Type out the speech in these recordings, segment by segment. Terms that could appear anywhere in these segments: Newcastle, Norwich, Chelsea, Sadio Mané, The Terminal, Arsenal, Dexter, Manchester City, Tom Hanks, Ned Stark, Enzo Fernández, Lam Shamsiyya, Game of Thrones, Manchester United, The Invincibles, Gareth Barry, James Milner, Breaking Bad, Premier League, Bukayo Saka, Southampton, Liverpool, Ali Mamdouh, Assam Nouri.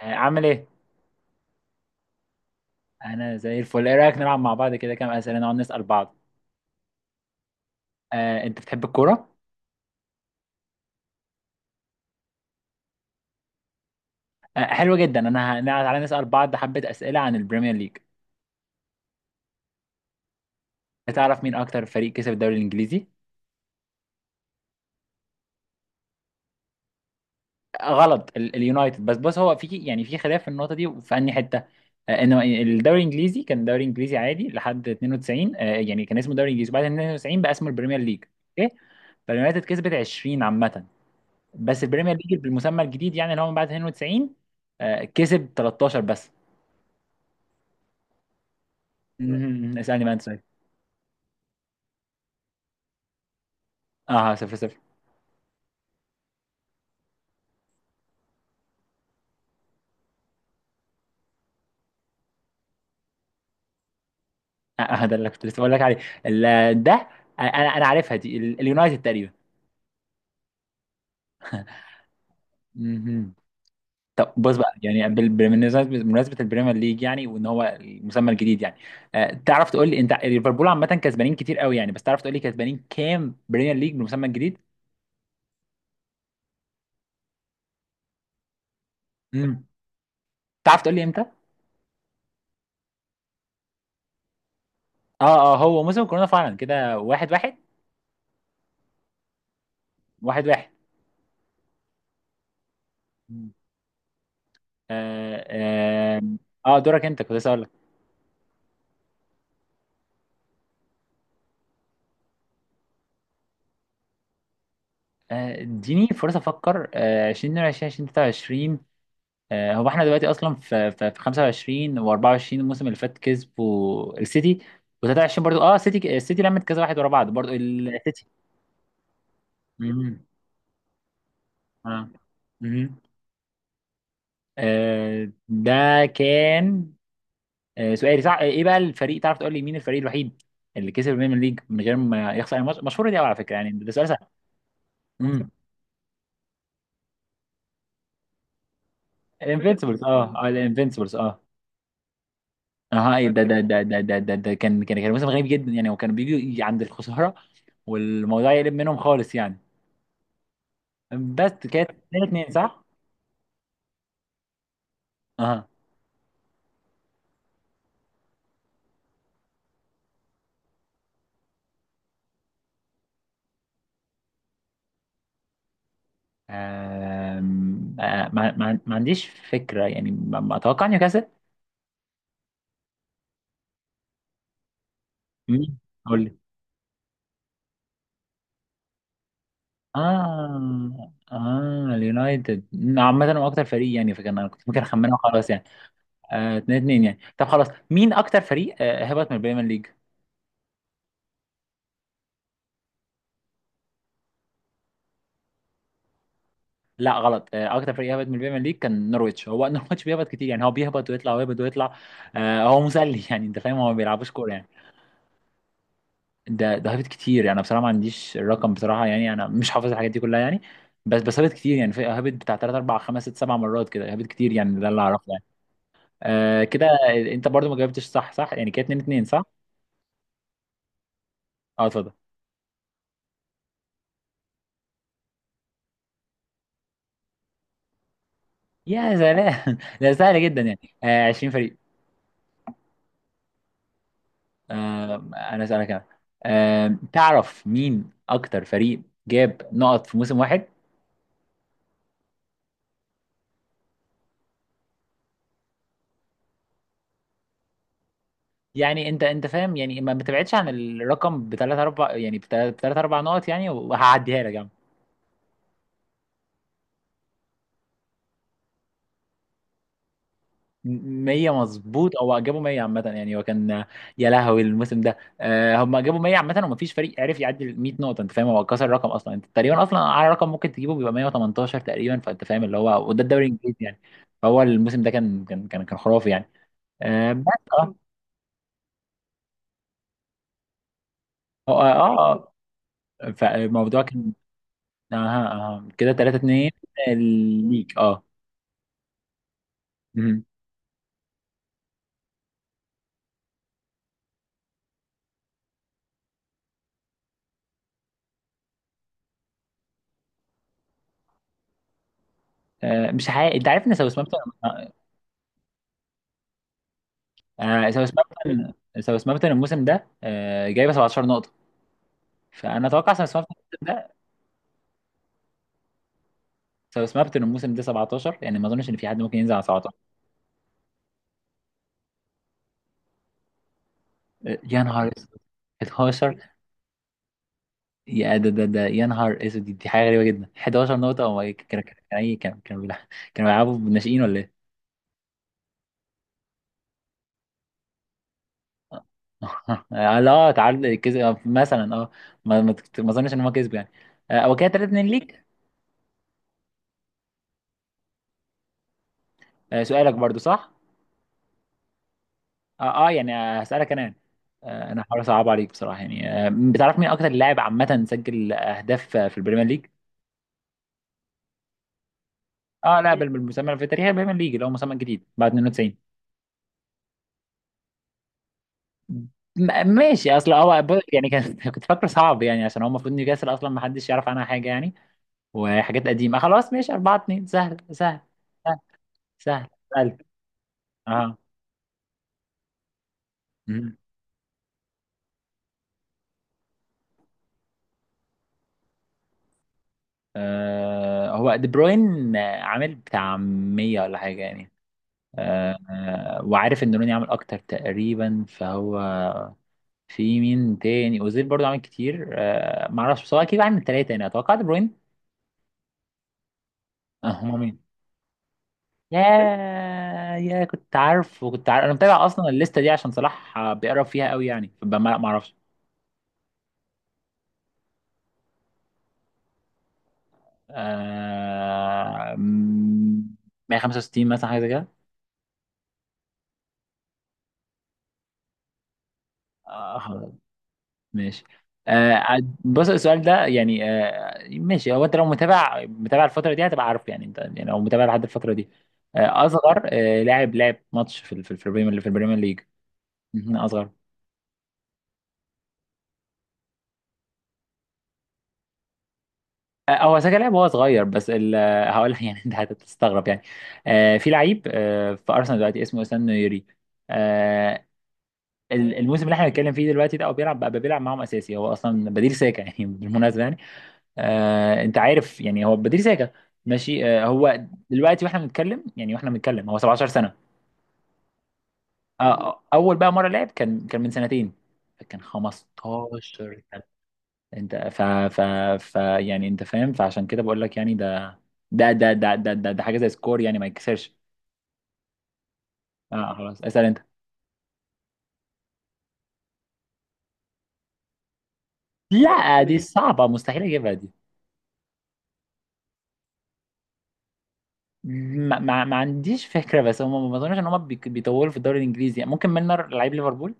عامل ايه؟ انا زي الفل. ايه رايك نلعب مع بعض كده كام اسئله نقعد نسال بعض؟ انت بتحب الكوره؟ حلو جدا. تعالى نسال بعض حبه اسئله عن البريمير ليج. تعرف مين اكتر فريق كسب الدوري الانجليزي؟ غلط. اليونايتد. بس بص، هو في يعني في خلاف في النقطه دي، في انهي حته؟ انه الدوري الانجليزي كان دوري انجليزي عادي لحد 92. يعني كان اسمه دوري انجليزي، بعد 92 بقى اسمه البريمير ليج. اوكي. فاليونايتد كسبت 20 عامه. بس البريمير ليج بالمسمى الجديد يعني اللي هو من بعد 92 كسب 13 بس. مم. اسألني بقى انت سؤال. اه، 0-0. ده اللي كنت لسه بقول لك عليه. ده. انا. انا عارفها دي، اليونايتد تقريبا. مهم. طب بص بقى يعني، بالمناسبة، بمناسبة البريمير ليج يعني، وان هو المسمى الجديد يعني. تعرف تقول لي انت، ليفربول عامة كسبانين كتير قوي يعني، بس تعرف تقول لي كسبانين كام بريمير ليج بالمسمى الجديد؟ مم. تعرف تقول لي امتى؟ اه هو موسم كورونا فعلا كده. 1-1. واحد واحد. مم. اه اه. دورك انت، كنت لسه اقول لك. اديني فرصة افكر. 2022 2023. هو احنا دلوقتي اصلا في 25 و24. الموسم اللي فات كسبوا السيتي، و23 برضو اه سيتي. السيتي لمت كذا واحد ورا بعض، برضو السيتي. مهم. اه. مهم. ده كان. سؤالي صح. ايه بقى الفريق؟ تعرف تقول لي مين الفريق الوحيد اللي كسب البريمير ليج من غير ما يخسر الماتش؟ مشهورة دي قوي على فكرة يعني، ده سؤال سهل. امم. الانفينسيبلز. اه الانفينسيبلز، اه. هاي ده فاكر. ده كان موسم غريب جدا يعني، وكانوا بيجوا عند الخسارة والموضوع يقلب منهم خالص يعني. بس كانت 2 2 صح؟ اها. آم، آه، ما عنديش فكرة يعني. ما ما اتوقع نيوكاسل. مين؟ قول لي. اه اه، اليونايتد. عامة هو اكتر فريق يعني، فكان انا كنت ممكن اخمنه خلاص يعني. 2 2 يعني. طب خلاص، مين اكتر فريق هبط من البريمير ليج؟ لا غلط. اكتر فريق هبط من البريمير ليج كان نورويتش، هو نورويتش بيهبط كتير يعني، هو بيهبط ويطلع ويهبط ويطلع. هو مسلي يعني، انت فاهم، هو ما بيلعبوش كوره يعني. ده هبط كتير يعني. انا بصراحه ما عنديش الرقم بصراحه يعني، انا مش حافظ الحاجات دي كلها يعني. بس هبط كتير يعني، هبط بتاع 3 4 5 6 7 مرات كده. هبط كتير يعني، ده اللي اعرفه يعني. كده. انت برضو ما جاوبتش صح صح يعني، كده 2 2 صح. اه، اتفضل. يا سلام ده سهل جدا يعني. 20 فريق. انا اسالك انا. تعرف مين اكتر فريق جاب نقط في موسم واحد؟ يعني انت فاهم يعني، ما بتبعدش عن الرقم بثلاث اربع يعني، بثلاث اربع نقط يعني، وهعديها لك يعني. 100 مظبوط. او جابوا 100 عامه يعني، هو كان يا لهوي. الموسم ده هم جابوا 100 عامه، ومفيش فريق عرف يعدي ال 100 نقطه. انت فاهم، هو كسر الرقم اصلا. انت تقريبا اصلا اعلى رقم ممكن تجيبه بيبقى 118 تقريبا، فانت فاهم اللي هو، وده الدوري الانجليزي يعني. فهو الموسم ده كان خرافي يعني. بس. آه. اه. فالموضوع كان اها اها كده 3 2 ليك. اه. مهم. مش حقيقي؟ انت عارف ان ساوثهامبتون. ساوثهامبتون. ساوثهامبتون الموسم ده جايبه 17 نقطه. فانا اتوقع ساوثهامبتون الموسم ده. ساوثهامبتون الموسم ده 17 يعني، ما اظنش ان في حد ممكن ينزل على 17. يا نهار اسود. 11. يا ده يا نهار اسود. دي حاجه غريبه جدا. 11 نقطه؟ هو إيه؟ كان إيه؟ كانوا بيلعبوا بالناشئين ولا إيه؟ لا، تعادل، كسب مثلا اه. ما اظنش ان هو كسب يعني. هو كده 3 2 ليك. سؤالك برضو صح. يعني هسألك انا. انا هحاول اصعب عليك بصراحة يعني. بتعرف مين اكتر لاعب عامة سجل اهداف في البريمير ليج؟ اه لا، بالمسمى، في تاريخ البريمير ليج اللي هو مسمى جديد بعد 92. ماشي. اصل هو يعني كان كنت فاكره صعب يعني، عشان هو المفروض نيوكاسل اصلا ما حدش يعرف عنها حاجة يعني. وحاجات قديمة خلاص. ماشي 4 2. سهل سهل. سهل. سهل. سهل اه. هو دي بروين، عامل بتاع 100 ولا حاجة يعني. وعارف ان روني عامل اكتر تقريبا فهو. في مين تاني؟ اوزيل برضو عامل كتير معرفش، بس هو اكيد عامل 3 يعني، اتوقع دي بروين. هما مين؟ يا. كنت عارف. وكنت عارف، انا متابع اصلا الليستة دي عشان صلاح بيقرب فيها قوي يعني، فما معرفش. آه م- 165 مثلا حاجة زي كده. آه. ماشي. بص السؤال ده يعني ماشي، هو انت لو متابع الفتره دي هتبقى عارف يعني، انت يعني لو متابع لحد الفتره دي. اصغر لاعب لعب ماتش في البريمير، اللي في البريمير ليج. مهم، اصغر. هو ساكا لعب وهو صغير، بس هقول لك يعني انت هتستغرب يعني. في لعيب في ارسنال دلوقتي اسمه اسام نويري. آه. الموسم اللي احنا بنتكلم فيه دلوقتي ده هو بيلعب بقى معاهم اساسي. هو اصلا بديل ساكا يعني بالمناسبه. انت عارف يعني هو بديل ساكا. ماشي. هو دلوقتي واحنا بنتكلم يعني واحنا بنتكلم هو 17 سنه. اول بقى مره لعب كان من 2 سنين. كان 15 سنه. انت ف ف ف يعني انت فاهم، فعشان كده بقول لك يعني ده حاجه زي سكور يعني ما يتكسرش. اه خلاص، اسال انت. لا دي صعبه، مستحيل اجيبها دي. ما عنديش فكره، بس هم ما اظنش ان هم بيطولوا في الدوري الانجليزي يعني، ممكن ميلنر لعيب ليفربول.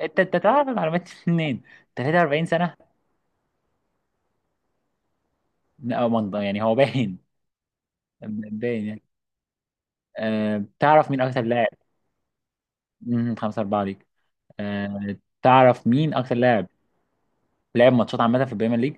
انت تعرف المعلومات دي منين؟ 43 سنة؟ او منض يعني، هو باين. باين يعني. تعرف مين اكتر لاعب. مم، 5-4 ليك. تعرف مين اكتر لاعب لعب ماتشات عامة في البريمير ليج؟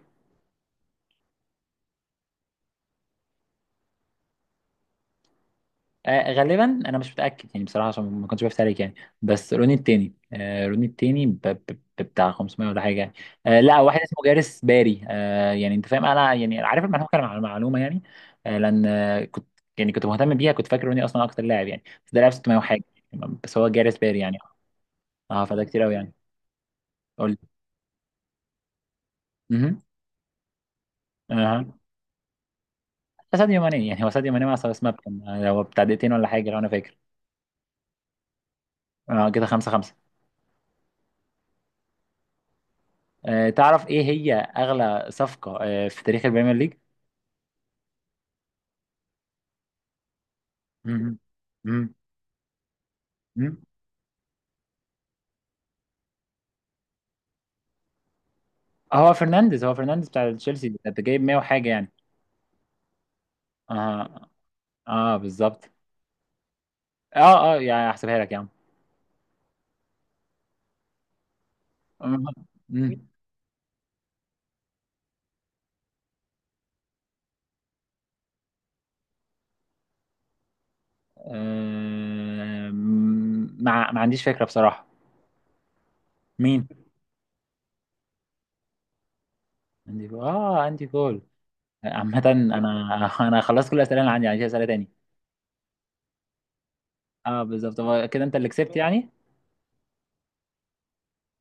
غالبا انا مش متاكد يعني بصراحه، عشان ما كنتش بفتح عليك يعني. بس روني التاني، بتاع 500 ولا حاجه يعني. لا، واحد اسمه جارس باري. يعني انت فاهم، انا يعني عارف المعلومه، معلومه يعني. لان كنت، يعني كنت مهتم بيها، كنت فاكر روني اصلا اكتر لاعب يعني، بس ده لاعب 600 وحاجه يعني. بس هو جارس باري يعني. اه فده كتير قوي يعني. قول لي. اها. اه، ساديو ماني يعني، هو ساديو ماني مع سماب، كان هو بتاع 2 دقايق ولا حاجه لو انا فاكر. اه كده 5 5. تعرف ايه هي اغلى صفقه في تاريخ البريمير ليج؟ مم. مم. مم. هو فرنانديز بتاع تشيلسي، ده جايب 100 وحاجه يعني. اه. اه بالظبط. اه اه يعني، هحسبها لك يا عم. مم. مم. آم، ما عنديش فكره بصراحه. مين؟ عندي جول، اه عندي جول. عامه انا خلصت كل الاسئله اللي عندي يعني، مش اسئله تاني. اه بالظبط، هو كده انت اللي كسبت يعني.